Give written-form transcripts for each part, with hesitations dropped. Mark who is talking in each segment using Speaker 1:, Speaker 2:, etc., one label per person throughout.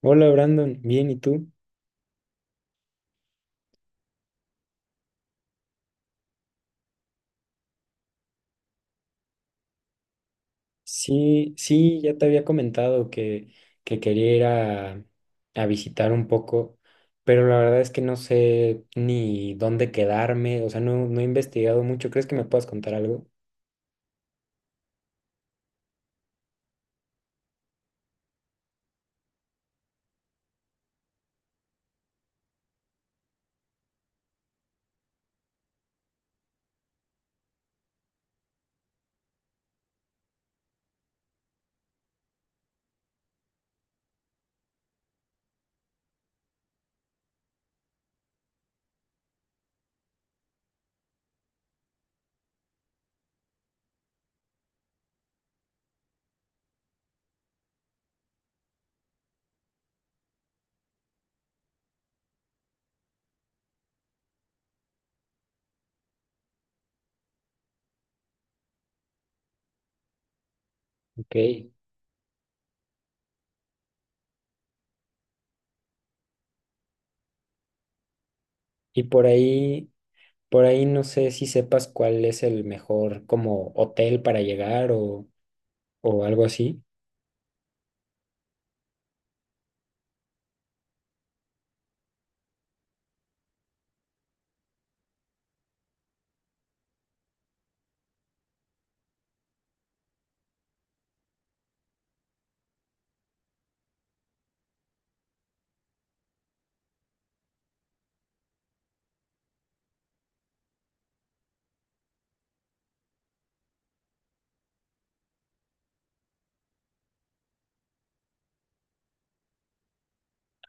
Speaker 1: Hola Brandon, bien, ¿y tú? Sí, sí, ya te había comentado que quería a visitar un poco, pero la verdad es que no sé ni dónde quedarme, o sea, no he investigado mucho. ¿Crees que me puedas contar algo? Ok. Y por ahí no sé si sepas cuál es el mejor como hotel para llegar o algo así.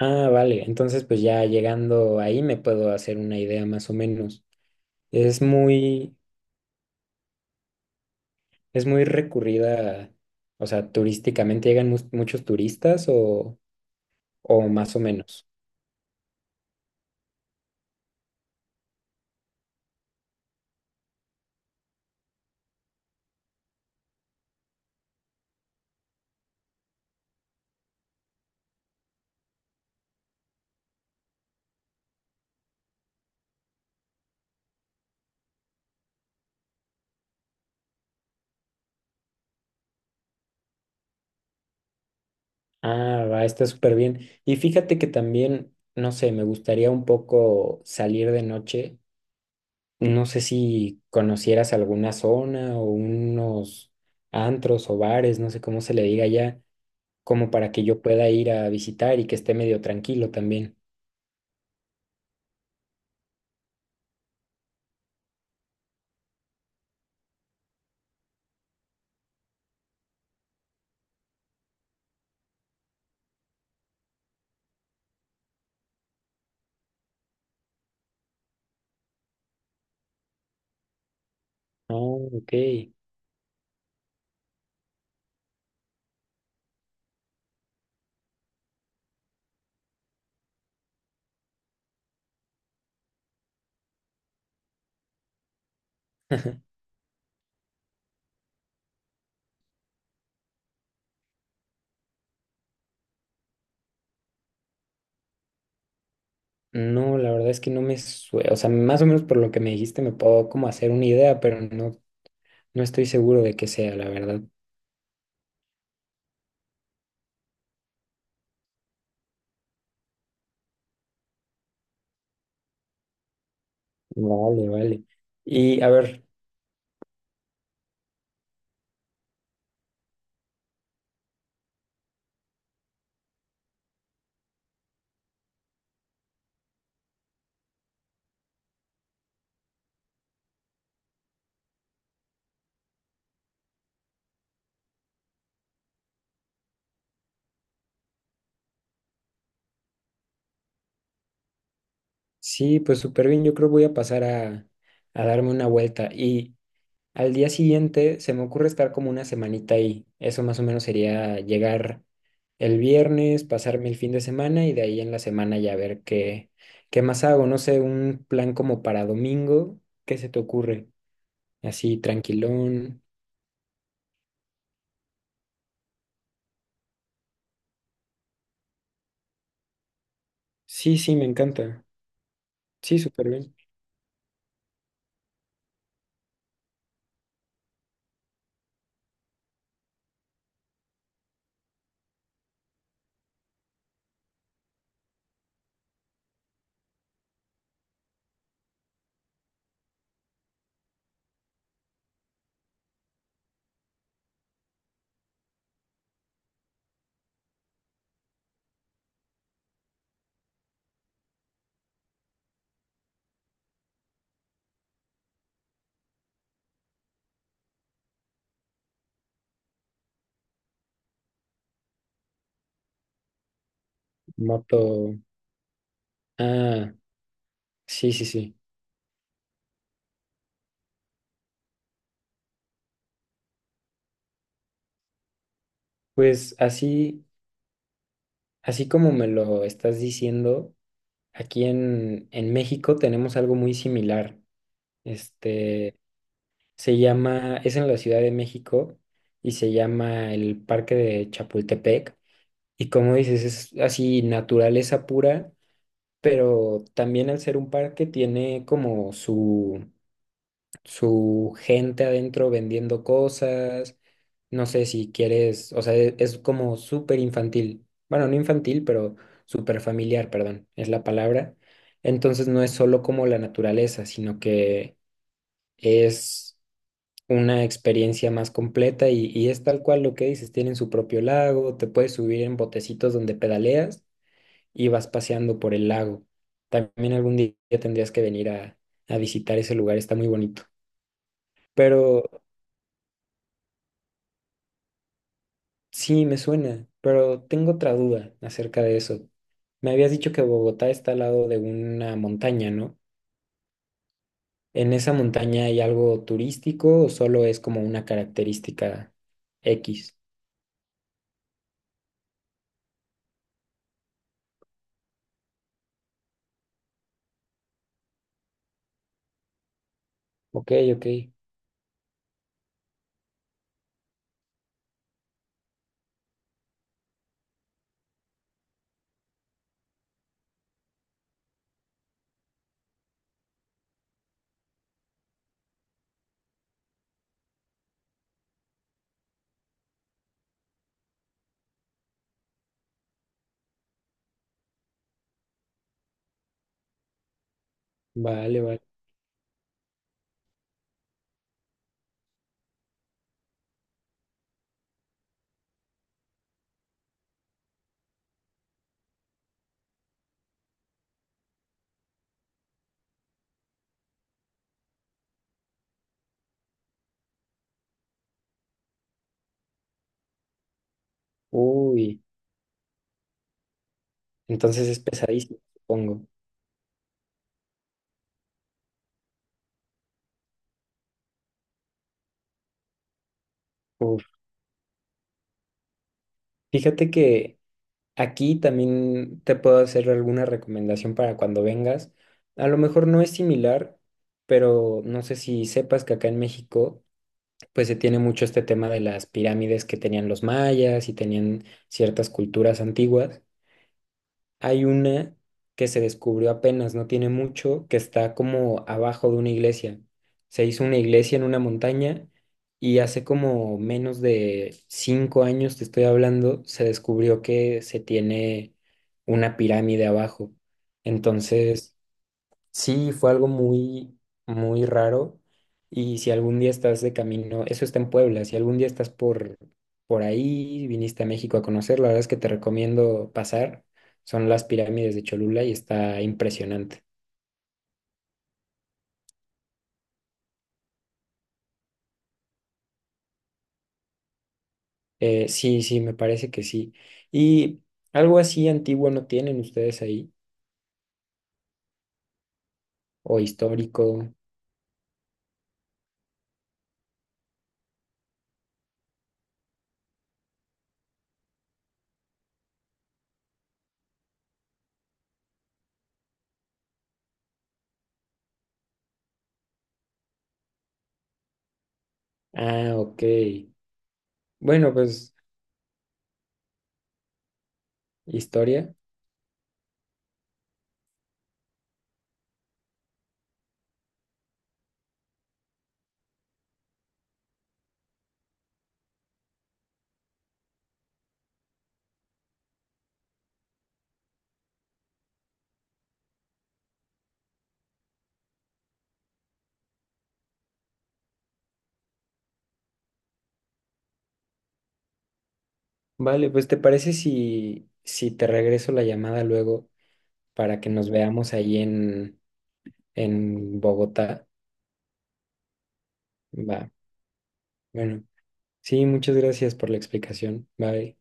Speaker 1: Ah, vale, entonces pues ya llegando ahí me puedo hacer una idea más o menos. Es muy, Es muy recurrida, o sea, turísticamente llegan muchos turistas o más o menos. Ah, va, está súper bien. Y fíjate que también, no sé, me gustaría un poco salir de noche. No sé si conocieras alguna zona o unos antros o bares, no sé cómo se le diga allá, como para que yo pueda ir a visitar y que esté medio tranquilo también. Oh, ok. No, la verdad es que no me suena, o sea, más o menos por lo que me dijiste me puedo como hacer una idea, pero no estoy seguro de qué sea, la verdad. Vale, vale. Y a ver, sí, pues súper bien, yo creo voy a pasar a darme una vuelta y al día siguiente se me ocurre estar como una semanita ahí. Eso más o menos sería llegar el viernes, pasarme el fin de semana y de ahí en la semana ya ver qué más hago. No sé, un plan como para domingo, ¿qué se te ocurre? Así, tranquilón. Sí, sí, me encanta. Sí, súper bien. Moto. Ah, sí, sí, sí. Pues así como me lo estás diciendo, aquí en México tenemos algo muy similar. Este, se llama, es en la Ciudad de México y se llama el Parque de Chapultepec. Y como dices, es así naturaleza pura, pero también al ser un parque tiene como su gente adentro vendiendo cosas. No sé si quieres, o sea, es, como súper infantil. Bueno, no infantil, pero súper familiar, perdón, es la palabra. Entonces no es solo como la naturaleza, sino que es una experiencia más completa y es tal cual lo que dices, tienen su propio lago, te puedes subir en botecitos donde pedaleas y vas paseando por el lago. También algún día tendrías que venir a visitar ese lugar, está muy bonito. Pero sí, me suena, pero tengo otra duda acerca de eso. Me habías dicho que Bogotá está al lado de una montaña, ¿no? ¿En esa montaña hay algo turístico o solo es como una característica X? Ok, ok. Vale, vale. Uy, entonces es pesadísimo, supongo. Uf. Fíjate que aquí también te puedo hacer alguna recomendación para cuando vengas. A lo mejor no es similar, pero no sé si sepas que acá en México pues se tiene mucho este tema de las pirámides que tenían los mayas y tenían ciertas culturas antiguas. Hay una que se descubrió apenas, no tiene mucho, que está como abajo de una iglesia. Se hizo una iglesia en una montaña y hace como menos de 5 años, te estoy hablando, se descubrió que se tiene una pirámide abajo. Entonces sí, fue algo muy, muy raro. Y si algún día estás de camino, eso está en Puebla, si algún día estás por ahí, viniste a México a conocer, la verdad es que te recomiendo pasar. Son las pirámides de Cholula y está impresionante. Sí, sí, me parece que sí. ¿Y algo así antiguo no tienen ustedes ahí? ¿O histórico? Ah, ok. Bueno, pues historia. Vale, pues ¿te parece si te regreso la llamada luego? Para que nos veamos ahí en Bogotá. Va, bueno, sí, muchas gracias por la explicación. Bye.